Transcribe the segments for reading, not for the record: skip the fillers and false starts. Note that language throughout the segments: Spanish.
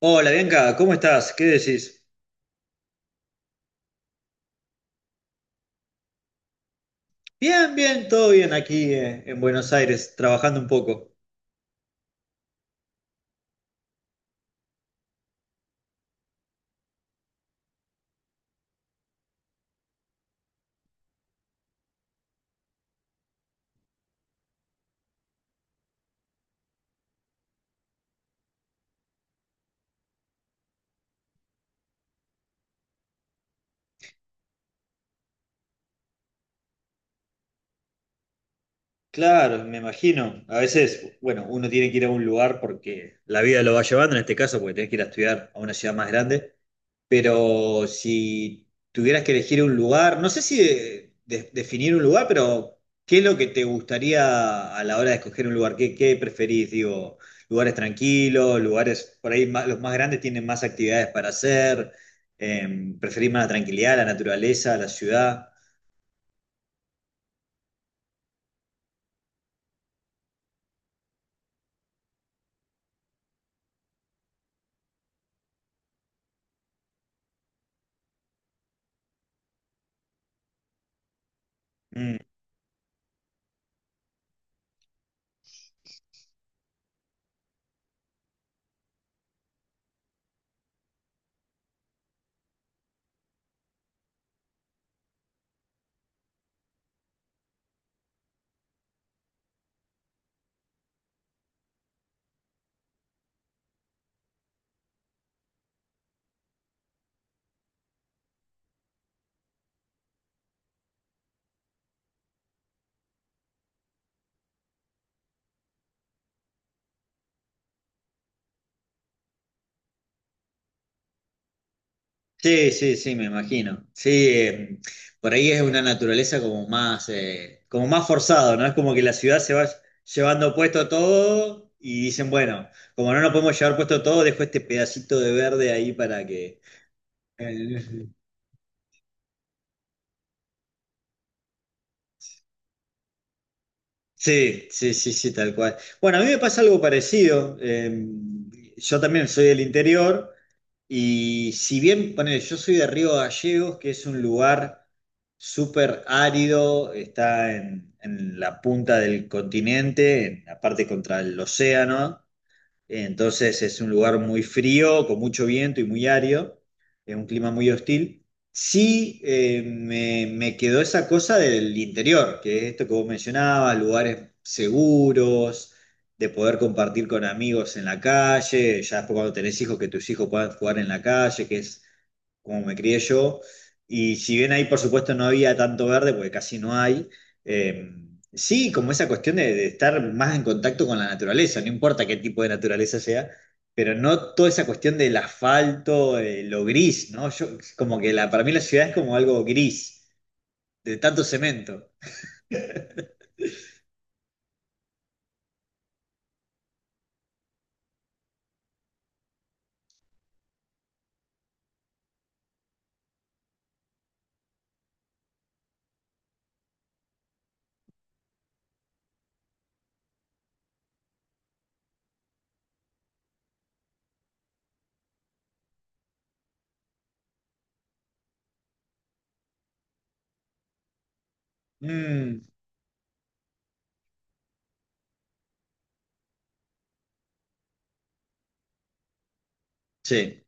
Hola Bianca, ¿cómo estás? ¿Qué decís? Bien, bien, todo bien aquí en Buenos Aires, trabajando un poco. Claro, me imagino. A veces, bueno, uno tiene que ir a un lugar porque la vida lo va llevando, en este caso, porque tenés que ir a estudiar a una ciudad más grande. Pero si tuvieras que elegir un lugar, no sé si definir un lugar, pero ¿qué es lo que te gustaría a la hora de escoger un lugar? ¿Qué, qué preferís? Digo, lugares tranquilos, lugares por ahí los más grandes tienen más actividades para hacer. ¿Preferís más la tranquilidad, la naturaleza, la ciudad? Mm. Sí, sí, sí, me imagino. Sí, por ahí es una naturaleza como más forzado, ¿no? Es como que la ciudad se va llevando puesto todo y dicen, bueno, como no nos podemos llevar puesto todo, dejo este pedacito de verde ahí para que... Eh, Sí, sí, sí, sí, tal cual. Bueno, a mí me pasa algo parecido. Yo también soy del interior. Y si bien, ponele, yo soy de Río Gallegos, que es un lugar súper árido, está en la punta del continente, en la parte contra el océano, entonces es un lugar muy frío, con mucho viento y muy árido, es un clima muy hostil. Sí, me quedó esa cosa del interior, que es esto que vos mencionabas, lugares seguros, de poder compartir con amigos en la calle, ya después cuando tenés hijos, que tus hijos puedan jugar en la calle, que es como me crié yo. Y si bien ahí, por supuesto, no había tanto verde, porque casi no hay, eh, sí, como esa cuestión de estar más en contacto con la naturaleza, no importa qué tipo de naturaleza sea, pero no toda esa cuestión del asfalto, lo gris, ¿no? Yo, como que la, para mí la ciudad es como algo gris, de tanto cemento. Mm, sí,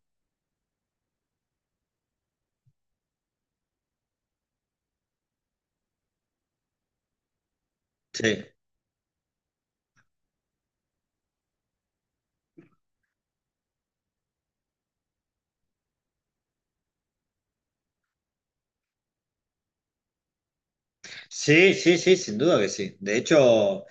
sí. Sí, sí, sí, sin duda que sí. De hecho...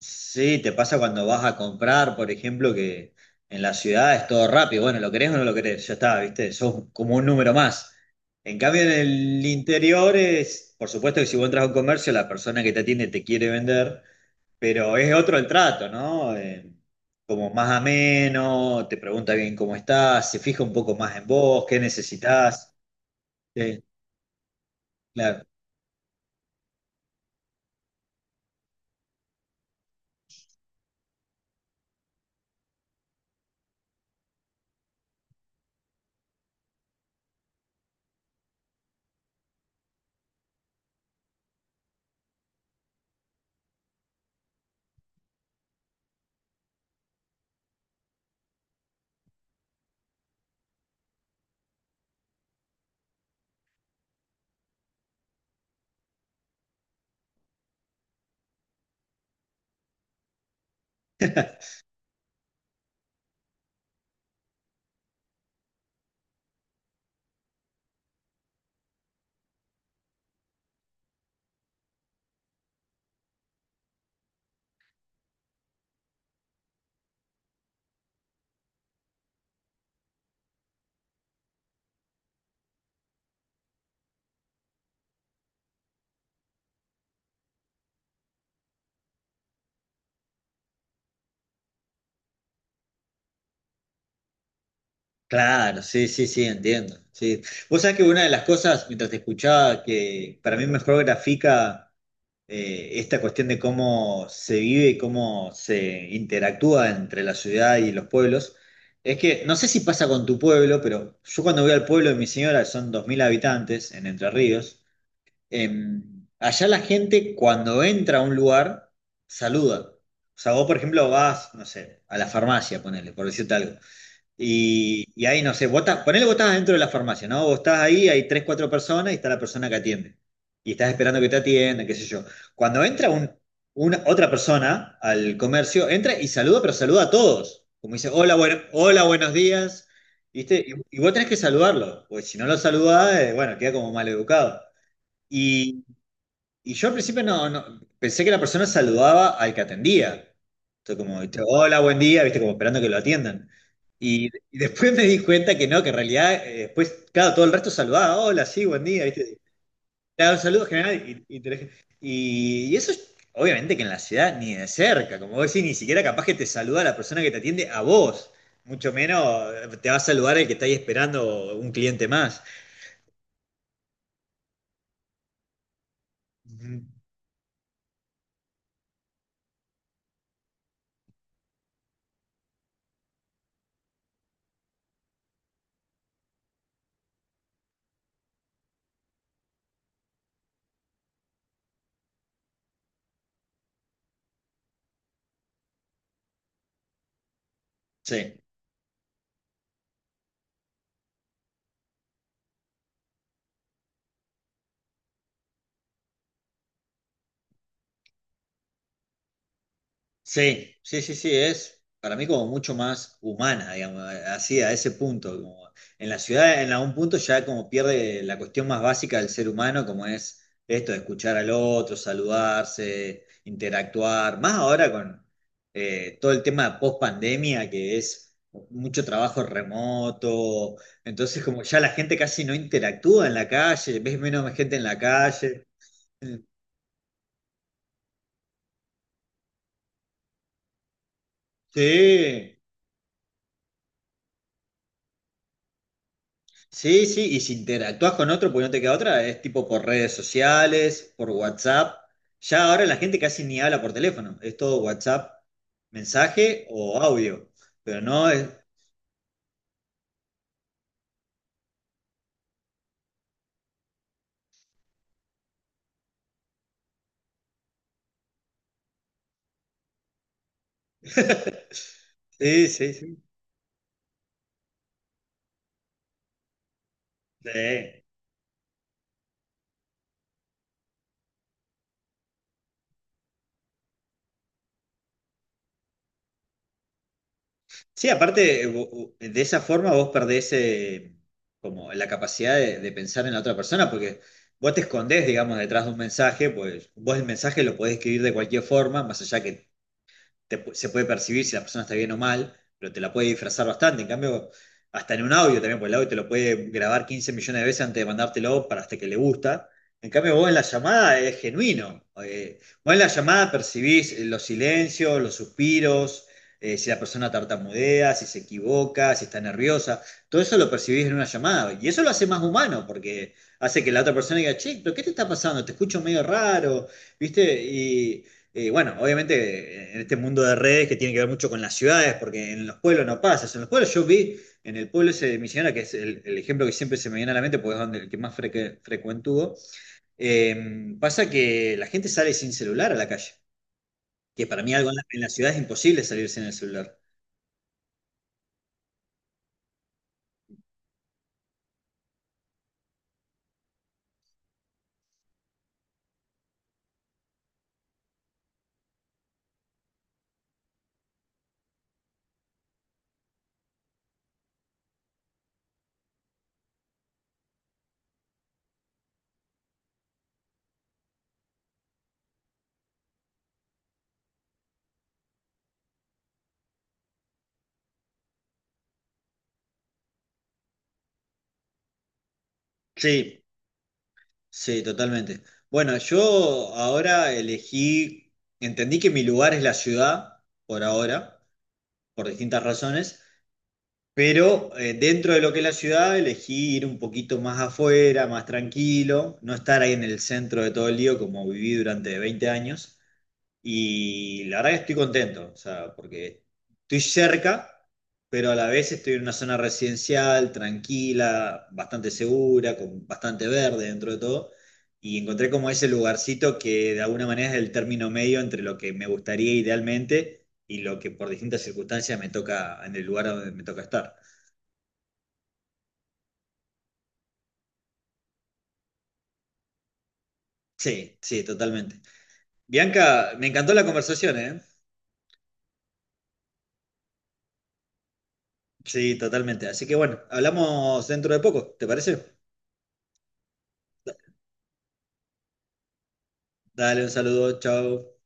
Sí, te pasa cuando vas a comprar, por ejemplo, que en la ciudad es todo rápido. Bueno, lo querés o no lo querés, ya está, ¿viste? Sos como un número más. En cambio, en el interior es, por supuesto que si vos entras a un comercio, la persona que te atiende te quiere vender, pero es otro el trato, ¿no? Como más ameno, te pregunta bien cómo estás, se fija un poco más en vos, qué necesitas. Sí, claro. Claro, sí, sí, sí, entiendo. Sí. Vos sabés que una de las cosas, mientras te escuchaba, que para mí mejor grafica esta cuestión de cómo se vive y cómo se interactúa entre la ciudad y los pueblos, es que no sé si pasa con tu pueblo, pero yo cuando voy al pueblo de mi señora, que son 2000 habitantes en Entre Ríos, allá la gente cuando entra a un lugar saluda. O sea, vos, por ejemplo, vas, no sé, a la farmacia, ponele, por decirte algo. Y ahí, no sé, vos estás, ponele vos estás dentro de la farmacia, ¿no? Vos estás ahí, hay tres, cuatro personas y está la persona que atiende. Y estás esperando que te atienda, qué sé yo. Cuando entra otra persona al comercio, entra y saluda, pero saluda a todos. Como dice, hola, bueno, hola, buenos días. ¿Viste? Y vos tenés que saludarlo, porque si no lo saludás, bueno, queda como mal educado. Y yo al principio pensé que la persona saludaba al que atendía. Entonces como, viste, hola, buen día, viste, como esperando que lo atiendan. Y después me di cuenta que no, que en realidad después, claro, todo el resto saludaba, hola, sí, buen día, viste. Te daba un saludo general y y eso obviamente que en la ciudad ni de cerca, como vos decís, ni siquiera capaz que te saluda la persona que te atiende a vos. Mucho menos te va a saludar el que está ahí esperando un cliente más. Ujú. Sí. Sí, sí, sí, sí, es para mí como mucho más humana, digamos, así a ese punto. Como en la ciudad, en algún punto ya como pierde la cuestión más básica del ser humano, como es esto de escuchar al otro, saludarse, interactuar, más ahora con todo el tema post pandemia, que es mucho trabajo remoto, entonces como ya la gente casi no interactúa en la calle, ves menos gente en la calle. Sí. Sí, sí, y si interactúas con otro, pues no te queda otra, es tipo por redes sociales, por WhatsApp. Ya ahora la gente casi ni habla por teléfono, es todo WhatsApp, mensaje o audio, pero no es... Sí, sí, sí. Sí, sí, aparte, de esa forma vos perdés como la capacidad de pensar en la otra persona, porque vos te escondés, digamos, detrás de un mensaje, pues vos el mensaje lo podés escribir de cualquier forma, más allá que se puede percibir si la persona está bien o mal, pero te la puede disfrazar bastante. En cambio, hasta en un audio también, porque el audio te lo puede grabar 15 millones de veces antes de mandártelo para hasta que le gusta. En cambio, vos en la llamada es genuino. Vos en la llamada percibís los silencios, los suspiros, si la persona tartamudea, si se equivoca, si está nerviosa. Todo eso lo percibís en una llamada. Y eso lo hace más humano, porque hace que la otra persona diga, che, pero ¿qué te está pasando? Te escucho medio raro, ¿viste? Y, bueno, obviamente en este mundo de redes que tiene que ver mucho con las ciudades, porque en los pueblos no pasa. En los pueblos yo vi, en el pueblo ese de Misionera, que es el ejemplo que siempre se me viene a la mente, porque es donde el que más frecuente frecuentó, pasa que la gente sale sin celular a la calle, que para mí algo en la ciudad es imposible salir sin el celular. Sí, sí, totalmente. Bueno, yo ahora elegí, entendí que mi lugar es la ciudad, por ahora, por distintas razones. Pero dentro de lo que es la ciudad, elegí ir un poquito más afuera, más tranquilo, no estar ahí en el centro de todo el lío como viví durante 20 años. Y la verdad que estoy contento, o sea, porque estoy cerca, pero a la vez estoy en una zona residencial, tranquila, bastante segura, con bastante verde dentro de todo. Y encontré como ese lugarcito que de alguna manera es el término medio entre lo que me gustaría idealmente y lo que por distintas circunstancias me toca, en el lugar donde me toca estar. Sí, sí, totalmente. Bianca, me encantó la conversación, ¿eh? Sí, totalmente. Así que bueno, hablamos dentro de poco, ¿te parece? Dale un saludo, chao.